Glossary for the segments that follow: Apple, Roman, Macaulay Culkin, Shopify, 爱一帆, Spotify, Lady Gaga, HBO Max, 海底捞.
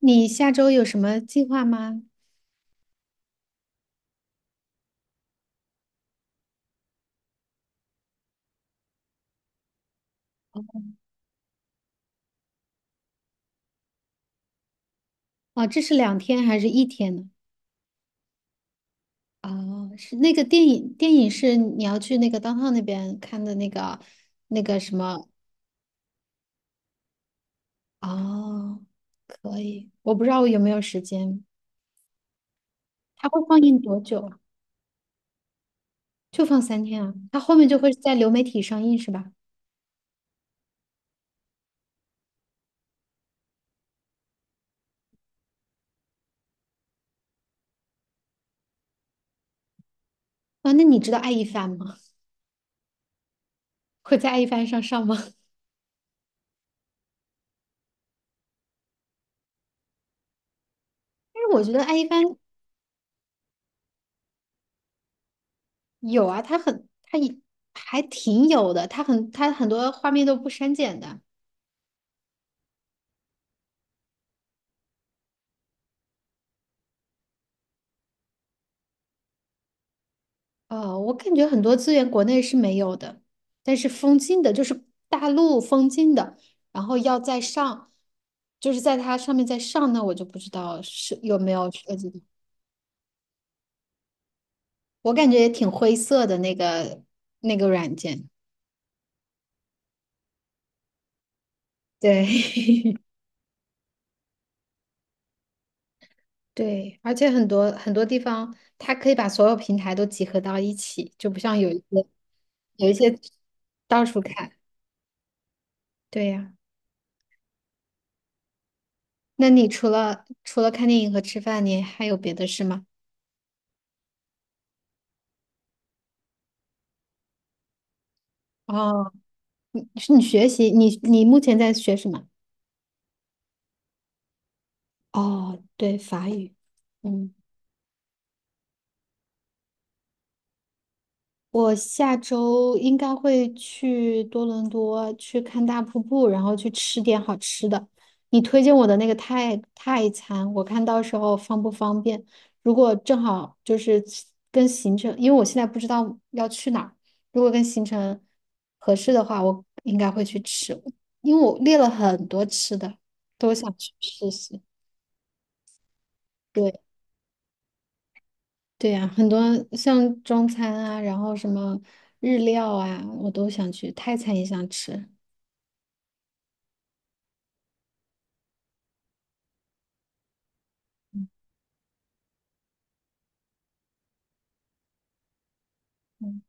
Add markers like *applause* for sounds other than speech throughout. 你下周有什么计划吗？哦，这是两天还是一天呢？哦，是那个电影，电影是你要去那个 downtown 那边看的那个那个什么？哦，可以，我不知道我有没有时间。它会放映多久啊？就放三天啊？它后面就会在流媒体上映是吧？啊，那你知道爱一帆吗？会在爱一帆上上吗？*laughs* 但是我觉得爱一帆有啊，它很，它也还挺有的，它很，它很多画面都不删减的。哦，我感觉很多资源国内是没有的，但是封禁的，就是大陆封禁的，然后要再上，就是在它上面再上，那我就不知道是有没有涉及到。我感觉也挺灰色的那个那个软件，对。 *laughs* 对，而且很多很多地方它可以把所有平台都集合到一起，就不像有一些有一些到处看。对呀，那你除了看电影和吃饭，你还有别的事吗？哦。是你学习，你目前在学什么？哦，对，法语。嗯，我下周应该会去多伦多去看大瀑布，然后去吃点好吃的。你推荐我的那个泰泰餐，我看到时候方不方便？如果正好就是跟行程，因为我现在不知道要去哪儿，如果跟行程合适的话，我应该会去吃，因为我列了很多吃的，都想去试试。对。对呀，很多像中餐啊，然后什么日料啊，我都想去，泰餐也想吃。嗯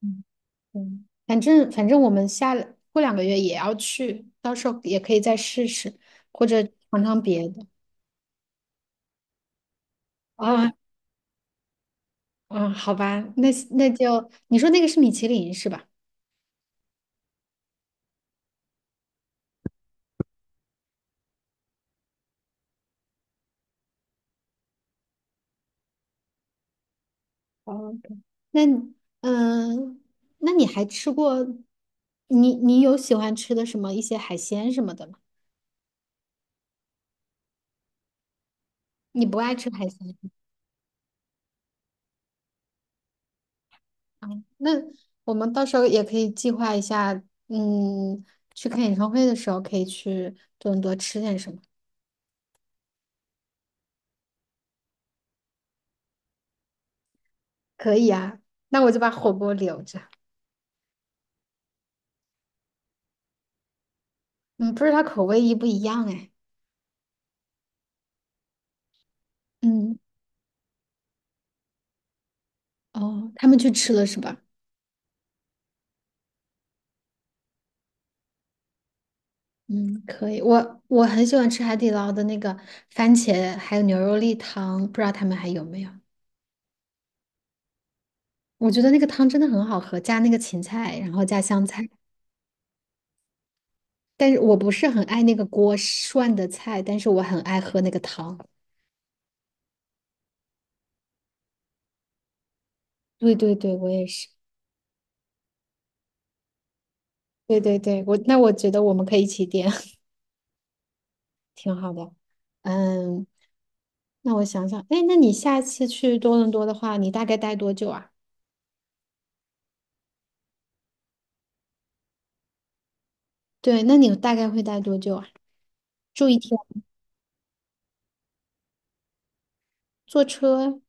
嗯，嗯，反正我们下过两个月也要去，到时候也可以再试试，或者尝尝别的。啊啊，好吧，那就你说那个是米其林是吧？哦，那你嗯，那你还吃过？你有喜欢吃的什么一些海鲜什么的吗？你不爱吃海鲜？那我们到时候也可以计划一下，嗯，去看演唱会的时候可以去多伦多吃点什么。可以啊，那我就把火锅留着。嗯，不知道口味一不一样哎。嗯，哦，他们去吃了是吧？嗯，可以。我很喜欢吃海底捞的那个番茄还有牛肉粒汤，不知道他们还有没有？我觉得那个汤真的很好喝，加那个芹菜，然后加香菜。但是我不是很爱那个锅涮的菜，但是我很爱喝那个汤。对对对，我也是。对对对，我那我觉得我们可以一起点。*laughs* 挺好的。嗯，那我想想，哎，那你下次去多伦多的话，你大概待多久啊？对，那你大概会待多久啊？住一天？坐车？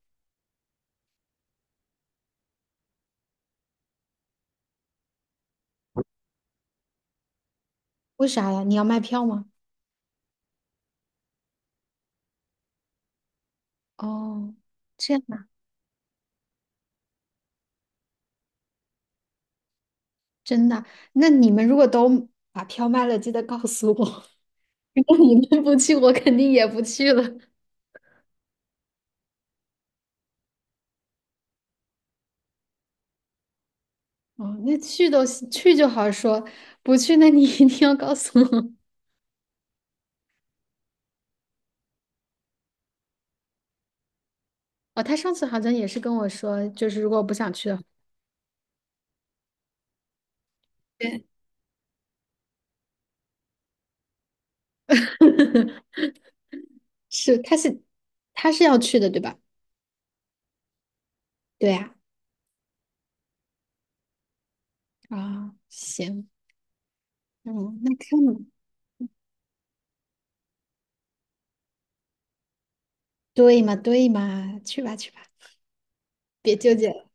为啥呀？你要卖票吗？哦，这样啊，真的？那你们如果都把票卖了，记得告诉我。*laughs* 如果你们不去，我肯定也不去了。哦，那去都行去就好说，不去那你一定要告诉我。哦，他上次好像也是跟我说，就是如果我不想去的话。对，*laughs* 是，他是要去的，对吧？对呀，啊，行，嗯，那看嘛，对嘛，对嘛，去吧，去吧，别纠结了。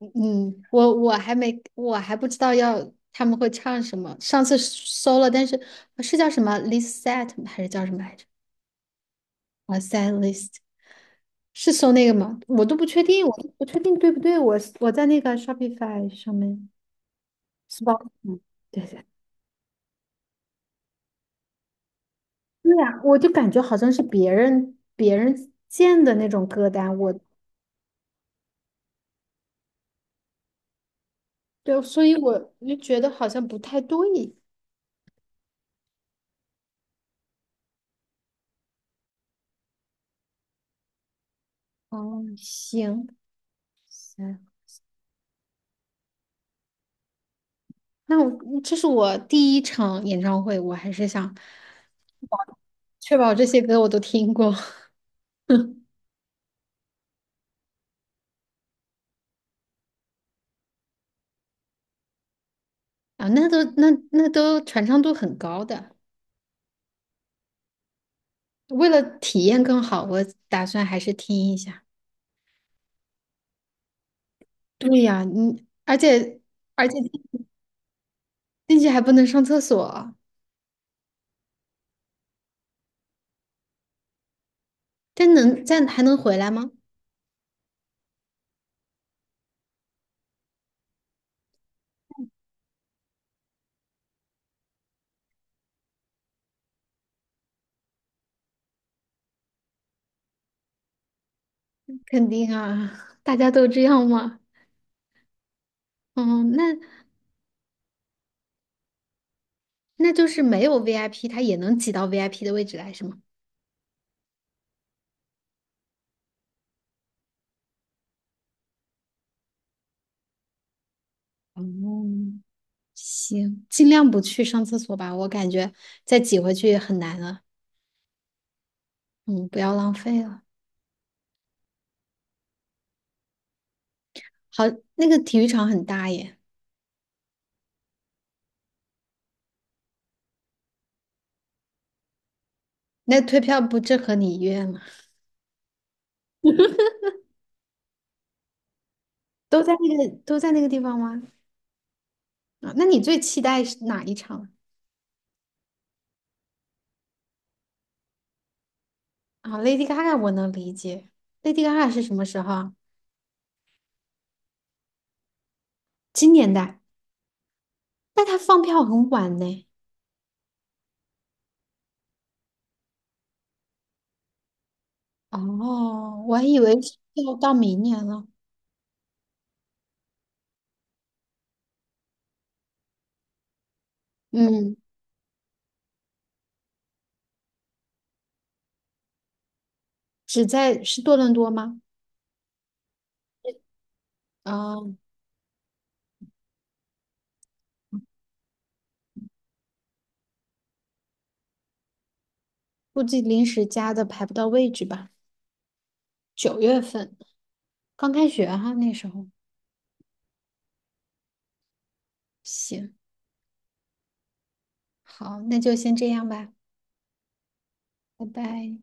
嗯，我还没，我还不知道要他们会唱什么。上次搜了，但是是叫什么 list set 吗还是叫什么来着？啊，set list 是搜那个吗？我都不确定，我都不确定对不对。我在那个 Shopify 上面 Spot，嗯，对对。对呀，我就感觉好像是别人建的那种歌单，我对，所以我就觉得好像不太对。哦，行行，那我这是我第一场演唱会，我还是想确保这些歌我都听过。 *laughs* 啊，那都那那都传唱度很高的。为了体验更好，我打算还是听一下。对呀，你而且而且进去还不能上厕所，但能但还能回来吗？肯定啊，大家都这样嘛。嗯，那那就是没有 VIP，他也能挤到 VIP 的位置来，是吗？哦，行，尽量不去上厕所吧，我感觉再挤回去也很难了。嗯，不要浪费了。好，那个体育场很大耶，那退票不正合你意愿吗？都在那个都在那个地方吗？啊，那你最期待是哪一场啊？Lady Gaga 我能理解，Lady Gaga 是什么时候啊今年的，但她放票很晚呢。哦，我还以为是要到明年了。嗯，只在是多伦多吗？嗯，估计临时加的排不到位置吧。9月份刚开学哈，那时候。行，好，那就先这样吧，拜拜。